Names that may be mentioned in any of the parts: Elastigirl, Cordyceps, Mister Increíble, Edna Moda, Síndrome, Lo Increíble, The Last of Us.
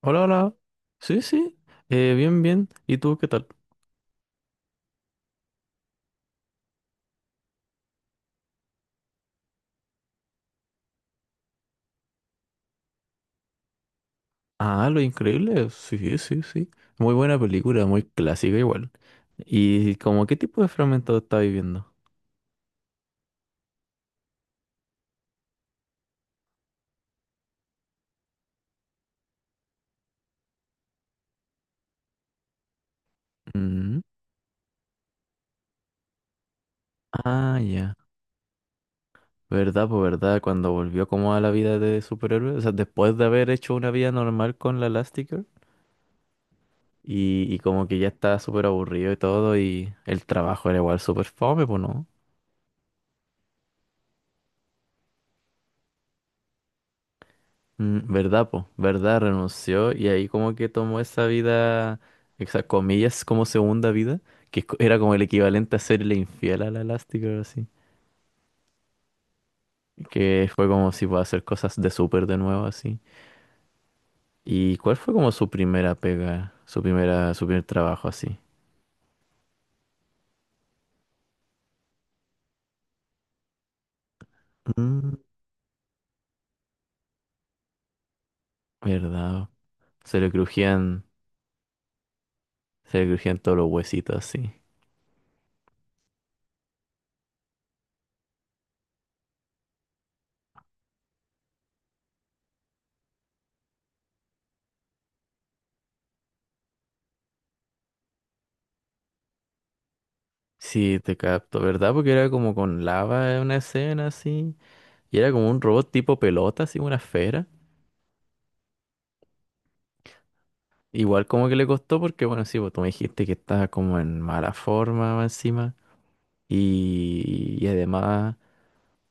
Hola, hola. Sí, sí. Bien, bien. ¿Y tú qué tal? Ah, Lo Increíble. Sí, sí, sí. Muy buena película, muy clásica igual. ¿Y como qué tipo de fragmento está viviendo? Mm. Ah, ya. ¿Verdad? Pues verdad, cuando volvió como a la vida de superhéroe, o sea, después de haber hecho una vida normal con la Elastigirl y como que ya estaba súper aburrido y todo y el trabajo era igual súper fome, pues no. Mm. ¿Verdad, po? ¿Verdad? Renunció y ahí como que tomó esa vida, esas comillas, como segunda vida, que era como el equivalente a serle infiel a la Elastigirl, así. Que fue como si puede hacer cosas de súper de nuevo, así. ¿Y cuál fue como su primera pega, su primera, su primer trabajo, así? Mm, ¿verdad? Se le crujían, se le crujían todos los huesitos, así. Sí, te capto, ¿verdad? Porque era como con lava en una escena, así. Y era como un robot tipo pelota, así, una esfera. Igual como que le costó porque, bueno, sí, pues tú me dijiste que estaba como en mala forma más encima y además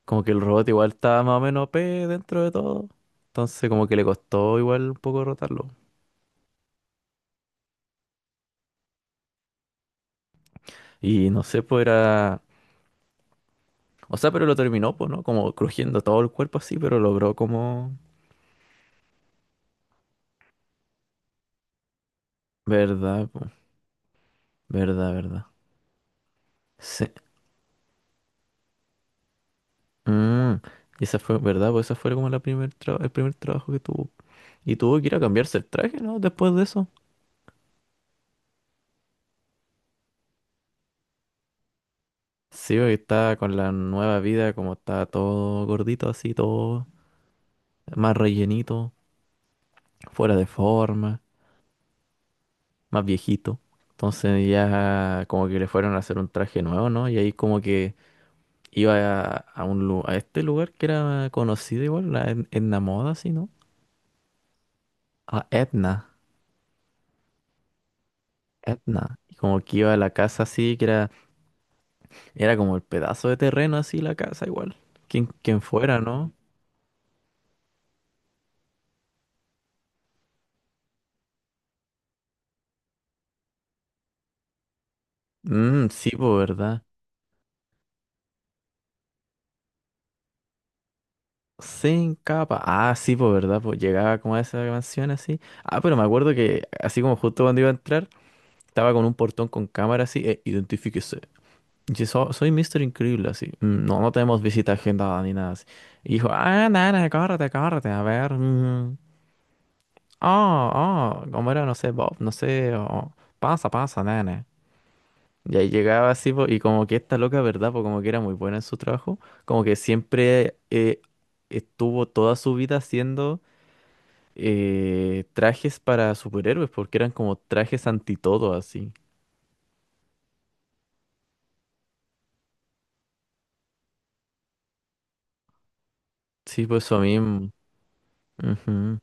como que el robot igual estaba más o menos OP dentro de todo. Entonces como que le costó igual un poco rotarlo. Y no sé, pues era... O sea, pero lo terminó, pues, ¿no? Como crujiendo todo el cuerpo así, pero logró como... Verdad, pues. Verdad, verdad. Sí. Mm. Y esa fue, ¿verdad? Pues esa fue como el primer trabajo que tuvo. Y tuvo que ir a cambiarse el traje, ¿no? Después de eso. Sí, porque está con la nueva vida, como está todo gordito así, todo más rellenito, fuera de forma, más viejito. Entonces ya como que le fueron a hacer un traje nuevo, ¿no? Y ahí como que iba a a este lugar que era conocido igual, Edna Moda, así, ¿no? A Edna, Edna. Y como que iba a la casa así, que era, era como el pedazo de terreno así, la casa igual. Quien, quien fuera, ¿no? Mm, sí, pues, ¿verdad? Sin capa. Ah, sí, pues verdad, pues llegaba como a esa canción así. Ah, pero me acuerdo que así como justo cuando iba a entrar, estaba con un portón con cámara así, identifíquese. Y soy Mister Increíble, así. "Mm, no, no tenemos visita agendada ni nada así". Y dijo, ah, nana, córrete, córrete, a ver. Mm, oh, oh, como era, no sé, Bob, no sé, oh, pasa, pasa, nana. Y ahí llegaba así, po, y como que esta loca, ¿verdad? Pues como que era muy buena en su trabajo, como que siempre estuvo toda su vida haciendo trajes para superhéroes, porque eran como trajes anti todo, así. Sí, pues eso mismo. Ujú.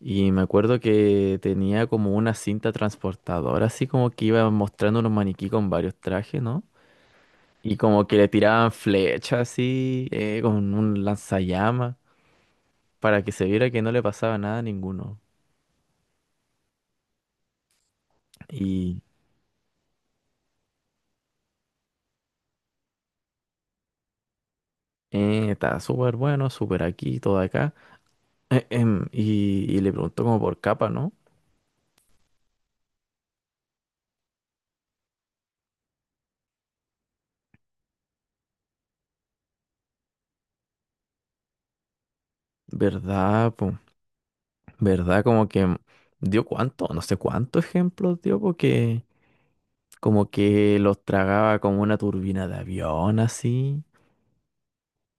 Y me acuerdo que tenía como una cinta transportadora, así como que iba mostrando unos maniquí con varios trajes, ¿no? Y como que le tiraban flechas así, con un lanzallamas, para que se viera que no le pasaba nada a ninguno. Y estaba súper bueno, súper aquí, todo acá. Y le preguntó como por capa, ¿no? ¿Verdad? ¿Verdad? Como que dio cuánto, no sé cuántos ejemplos dio, porque como que los tragaba como una turbina de avión, así.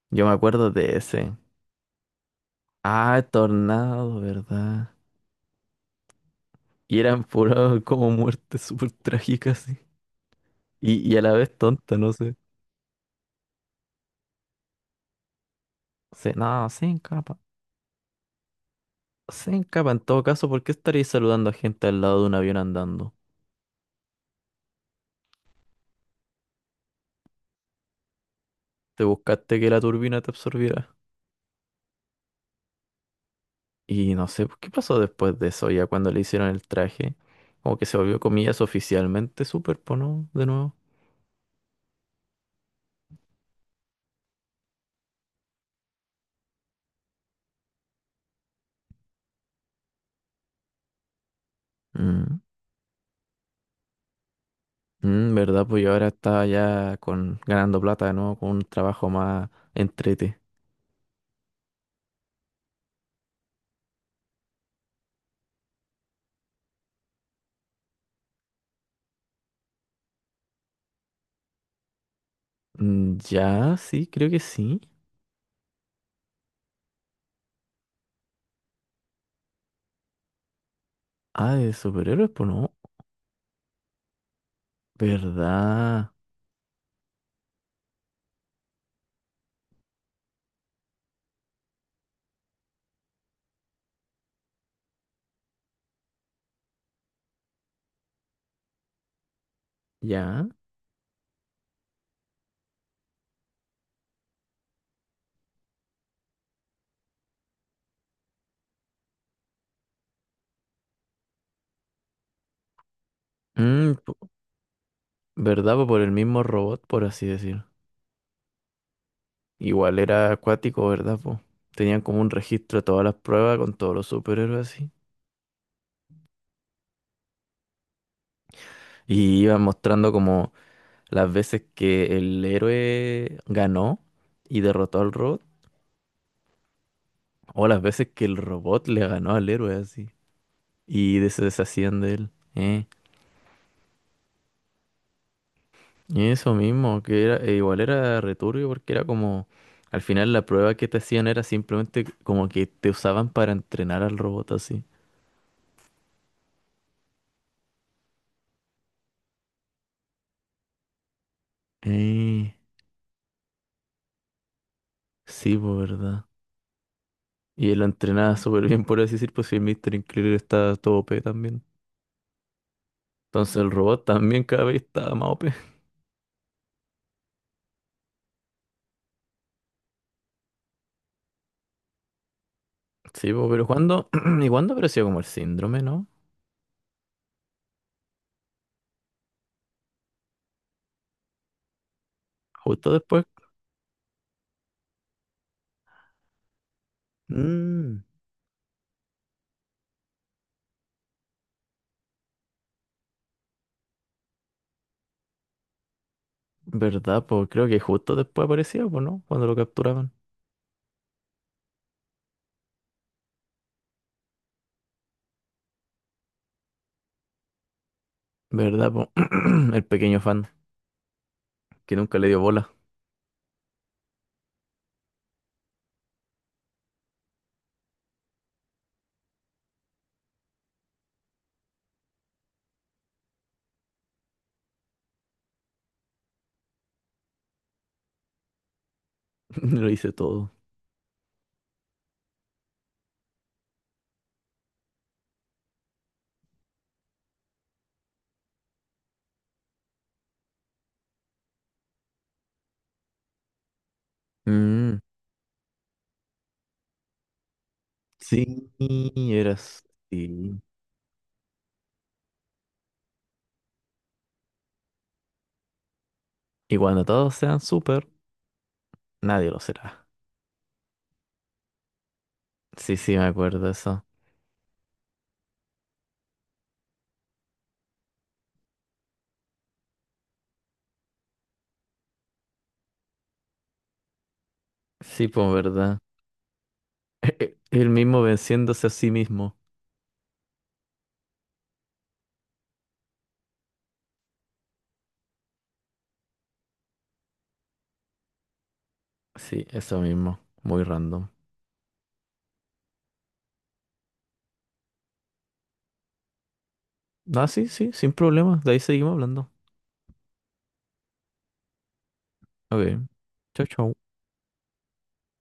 Yo me acuerdo de ese. Ah, tornado, ¿verdad? Y eran puras como muertes súper trágicas, sí. Y a la vez tonta, no sé. Se, no, se encapa. Se encapa en todo caso, ¿por qué estarías saludando a gente al lado de un avión andando? ¿Te buscaste que la turbina te absorbiera? Y no sé pues, qué pasó después de eso, ya cuando le hicieron el traje. Como que se volvió, comillas, oficialmente súper, pues, ¿no? De nuevo. Mm. Mm, ¿verdad? Pues yo ahora estaba ya con, ganando plata, ¿no? Con un trabajo más entrete. Mm, ya, sí, creo que sí. Ah, de superhéroes, pues no. ¿Verdad? Ya. Mm, po- ¿Verdad? Pues por el mismo robot, por así decir. Igual era acuático, ¿verdad? Pues tenían como un registro de todas las pruebas con todos los superhéroes así. Y iban mostrando como las veces que el héroe ganó y derrotó al robot, o las veces que el robot le ganó al héroe así y se deshacían de él. Y eso mismo, que era, e igual era returbio porque era como, al final la prueba que te hacían era simplemente como que te usaban para entrenar al robot así. Eh, sí, pues verdad. Y él lo entrenaba súper bien, por así decir, pues si el Mr. Increíble estaba todo OP también. Entonces el robot también cada vez estaba más OP. Sí, po, pero ¿cuándo? ¿Y cuándo apareció como el síndrome, no? Justo después. Mm, ¿verdad, pues? Creo que justo después aparecía, pues, ¿no? Cuando lo capturaban. ¿Verdad, pues? El pequeño fan que nunca le dio bola. Lo hice todo. Mm, sí, eras. Sí. Y cuando todos sean súper, nadie lo será. Sí, sí, me acuerdo de eso. Sí, pues, ¿verdad? Él mismo venciéndose a sí mismo. Sí, eso mismo. Muy random. Ah, sí, sí, sin problema. De ahí seguimos hablando. Ok. Chau, chau.